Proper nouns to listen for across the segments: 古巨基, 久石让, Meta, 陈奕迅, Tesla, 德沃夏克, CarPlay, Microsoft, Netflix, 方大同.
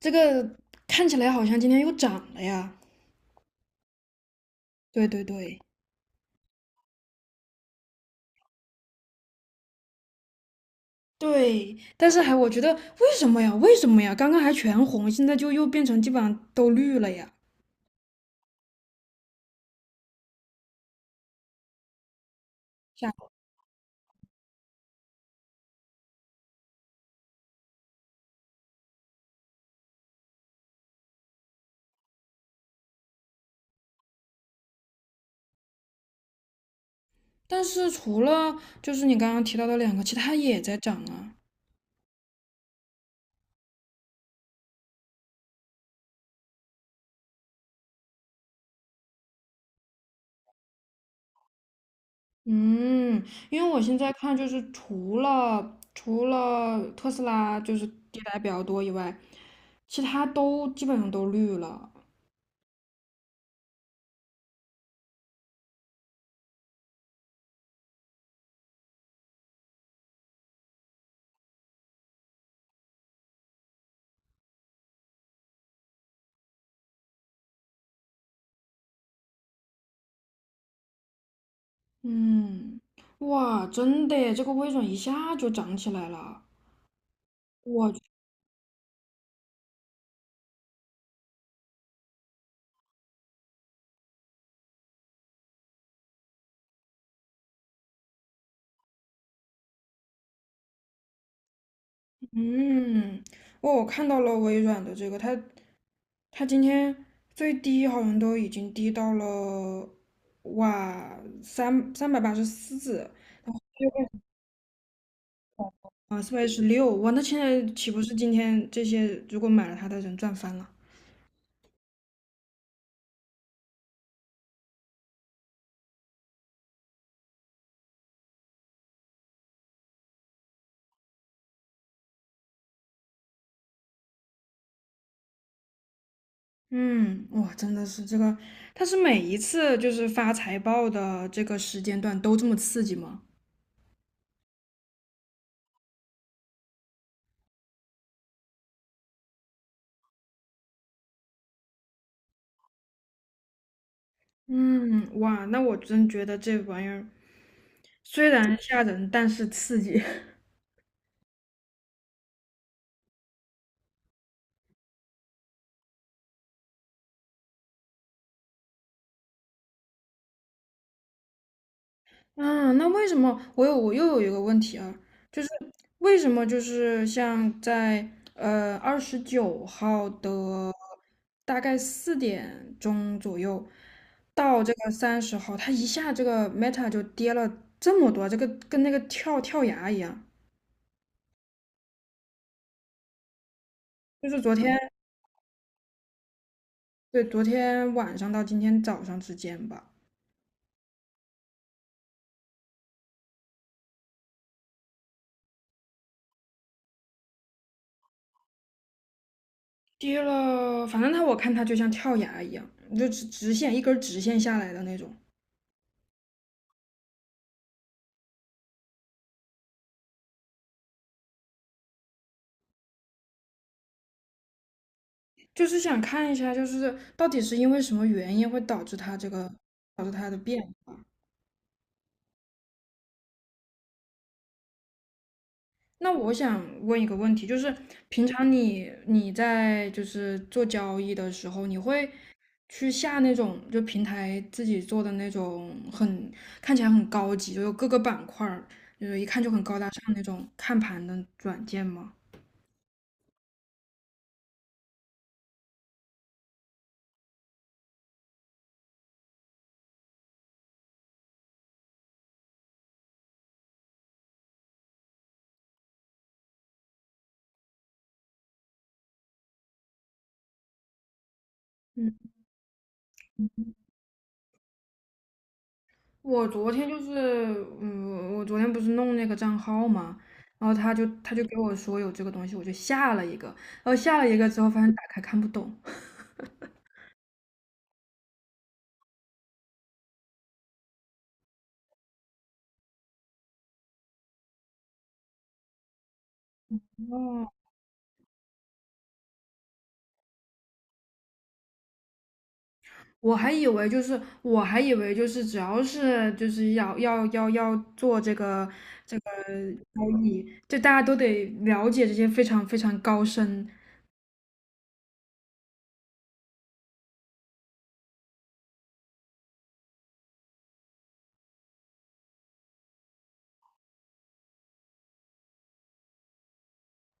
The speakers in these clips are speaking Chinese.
这个看起来好像今天又涨了呀。对对对对，但是还我觉得为什么呀？为什么呀？刚刚还全红，现在就又变成基本上都绿了呀。下，但是除了就是你刚刚提到的两个，其他也在涨啊。嗯，因为我现在看就是除了特斯拉就是跌的还比较多以外，其他都基本上都绿了。嗯，哇，真的耶，这个微软一下就涨起来了。我。嗯，我看到了微软的这个，它今天最低好像都已经低到了哇三百八十四啊416，哇，那现在岂不是今天这些如果买了它的人赚翻了？嗯，哇，真的是这个，它是每一次就是发财报的这个时间段都这么刺激吗？嗯，哇，那我真觉得这玩意儿虽然吓人，但是刺激。啊，那为什么我又有一个问题啊，就是为什么就是像在29号的大概4点钟左右到这个30号，它一下这个 Meta 就跌了这么多，这个跟那个跳崖一样，就是昨天。对，昨天晚上到今天早上之间吧，跌了，反正它我看它就像跳崖一样，就直线一根儿直线下来的那种。就是想看一下，就是到底是因为什么原因会导致它的变化。那我想问一个问题，就是平常你在就是做交易的时候，你会去下那种就平台自己做的那种很看起来很高级，就有各个板块儿就是一看就很高大上那种看盘的软件吗？嗯。我昨天就是，嗯，我昨天不是弄那个账号嘛，然后他就给我说有这个东西，我就下了一个，然后下了一个之后发现打开看不懂，哦，我还以为就是只要是就是要做这个交易，就大家都得了解这些非常非常高深，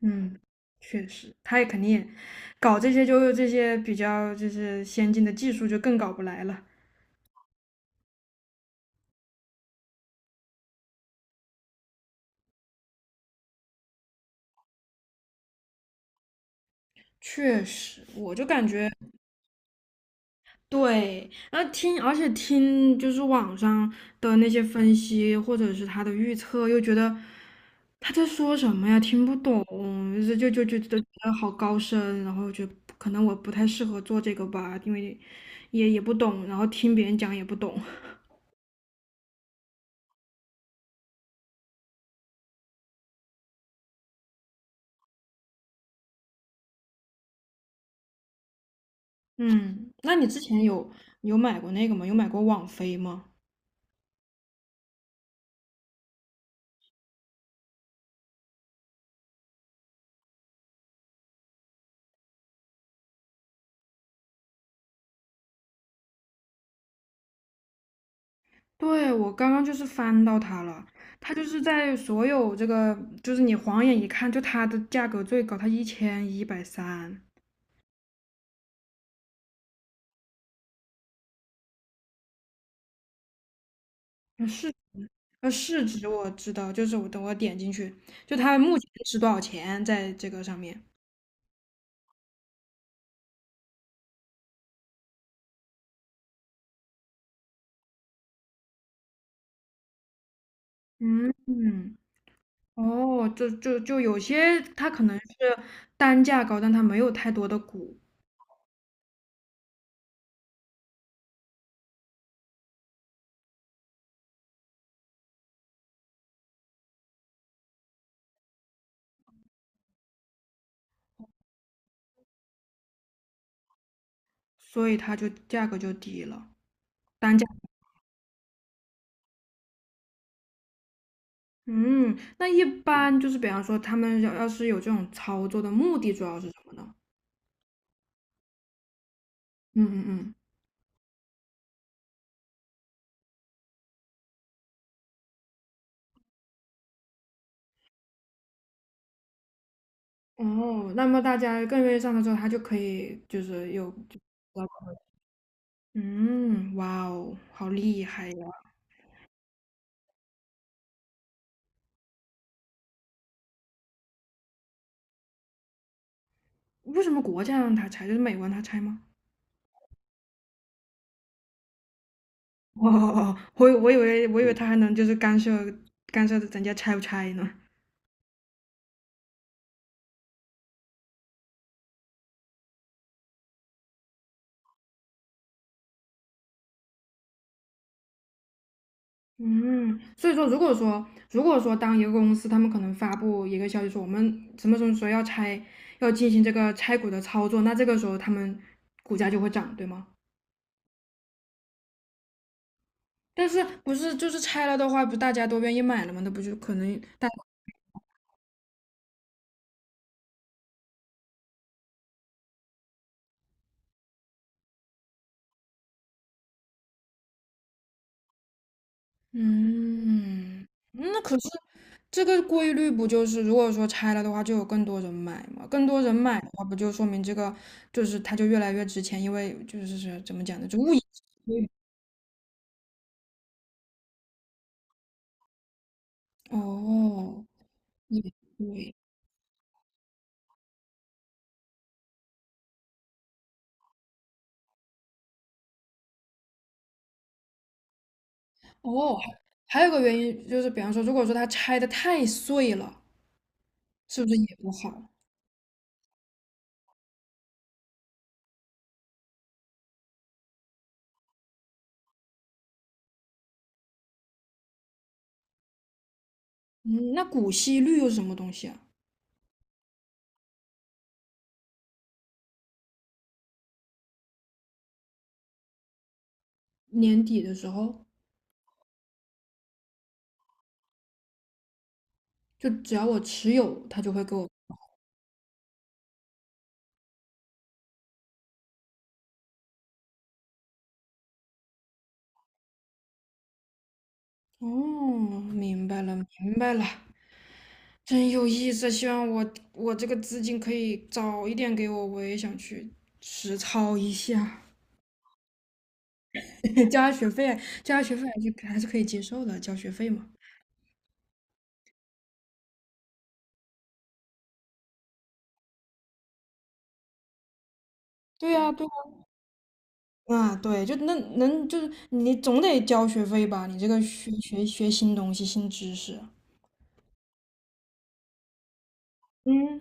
嗯，确实，他也肯定也搞这些比较就是先进的技术就更搞不来了。确实，我就感觉对，然后听，而且听就是网上的那些分析或者是他的预测，又觉得他在说什么呀，听不懂，就觉得好高深，然后就可能我不太适合做这个吧，因为也不懂，然后听别人讲也不懂。嗯，那你之前有买过那个吗？有买过网飞吗？对，我刚刚就是翻到它了，它就是在所有这个，就是你晃眼一看，就它的价格最高，它1130。呃市市值我知道，就是等我点进去，就它目前是多少钱在这个上面。嗯嗯，哦，就有些它可能是单价高，但它没有太多的股，所以它就价格就低了，单价。嗯，那一般就是比方说他们要是有这种操作的目的主要是什么呢？嗯嗯嗯，哦，那么大家更愿意上课之后，他就可以就是有，就嗯，嗯哇哦，好厉害呀！为什么国家让他拆？就是美国让他拆吗？哦哦哦，我以为他还能就是干涉干涉人家拆不拆呢。嗯，所以说如果说当一个公司他们可能发布一个消息说我们什么什么时候要拆，要进行这个拆股的操作，那这个时候他们股价就会涨，对吗？但是不是就是拆了的话，不大家都愿意买了吗？那不就可能大，嗯，那可是这个规律不就是如果说拆了的话，就有更多人买嘛？更多人买的话，不就说明这个就是它就越来越值钱？因为就是怎么讲呢？就物以稀为贵哦，也对哦，还有个原因就是，比方说，如果说它拆的太碎了，是不是也不好？嗯，那股息率又是什么东西啊？年底的时候。就只要我持有，他就会给我。哦，明白了，明白了，真有意思。希望我这个资金可以早一点给我，我也想去实操一下。交下学费，交下学费还是可以接受的，交学费嘛。对呀，对呀，啊，对，就那能就是你总得交学费吧？你这个学新东西、新知识，嗯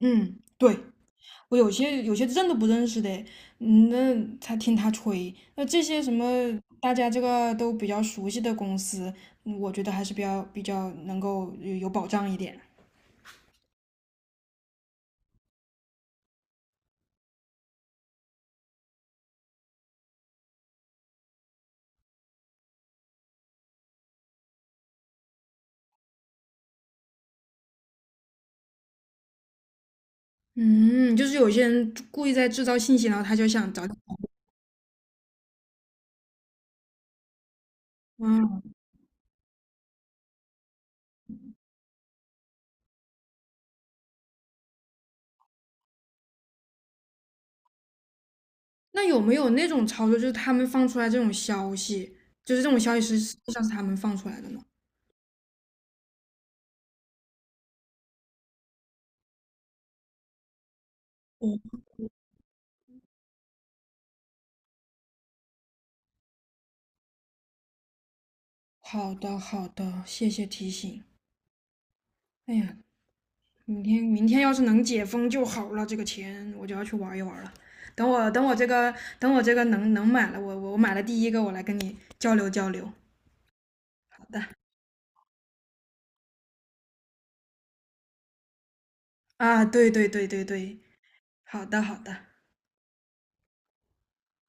嗯，对，我有些认都不认识的，嗯那他听他吹，那这些什么大家这个都比较熟悉的公司，嗯我觉得还是比较比较能够有保障一点。嗯，就是有些人故意在制造信息，然后他就想找。嗯，那有没有那种操作，就是他们放出来这种消息，就是这种消息是实际上是他们放出来的呢？哦，好的好的，谢谢提醒。哎呀，明天明天要是能解封就好了，这个钱我就要去玩一玩了。等我等我这个等我这个能买了，我买了第一个，我来跟你交流交流。好的啊，对对对对对，好的好的。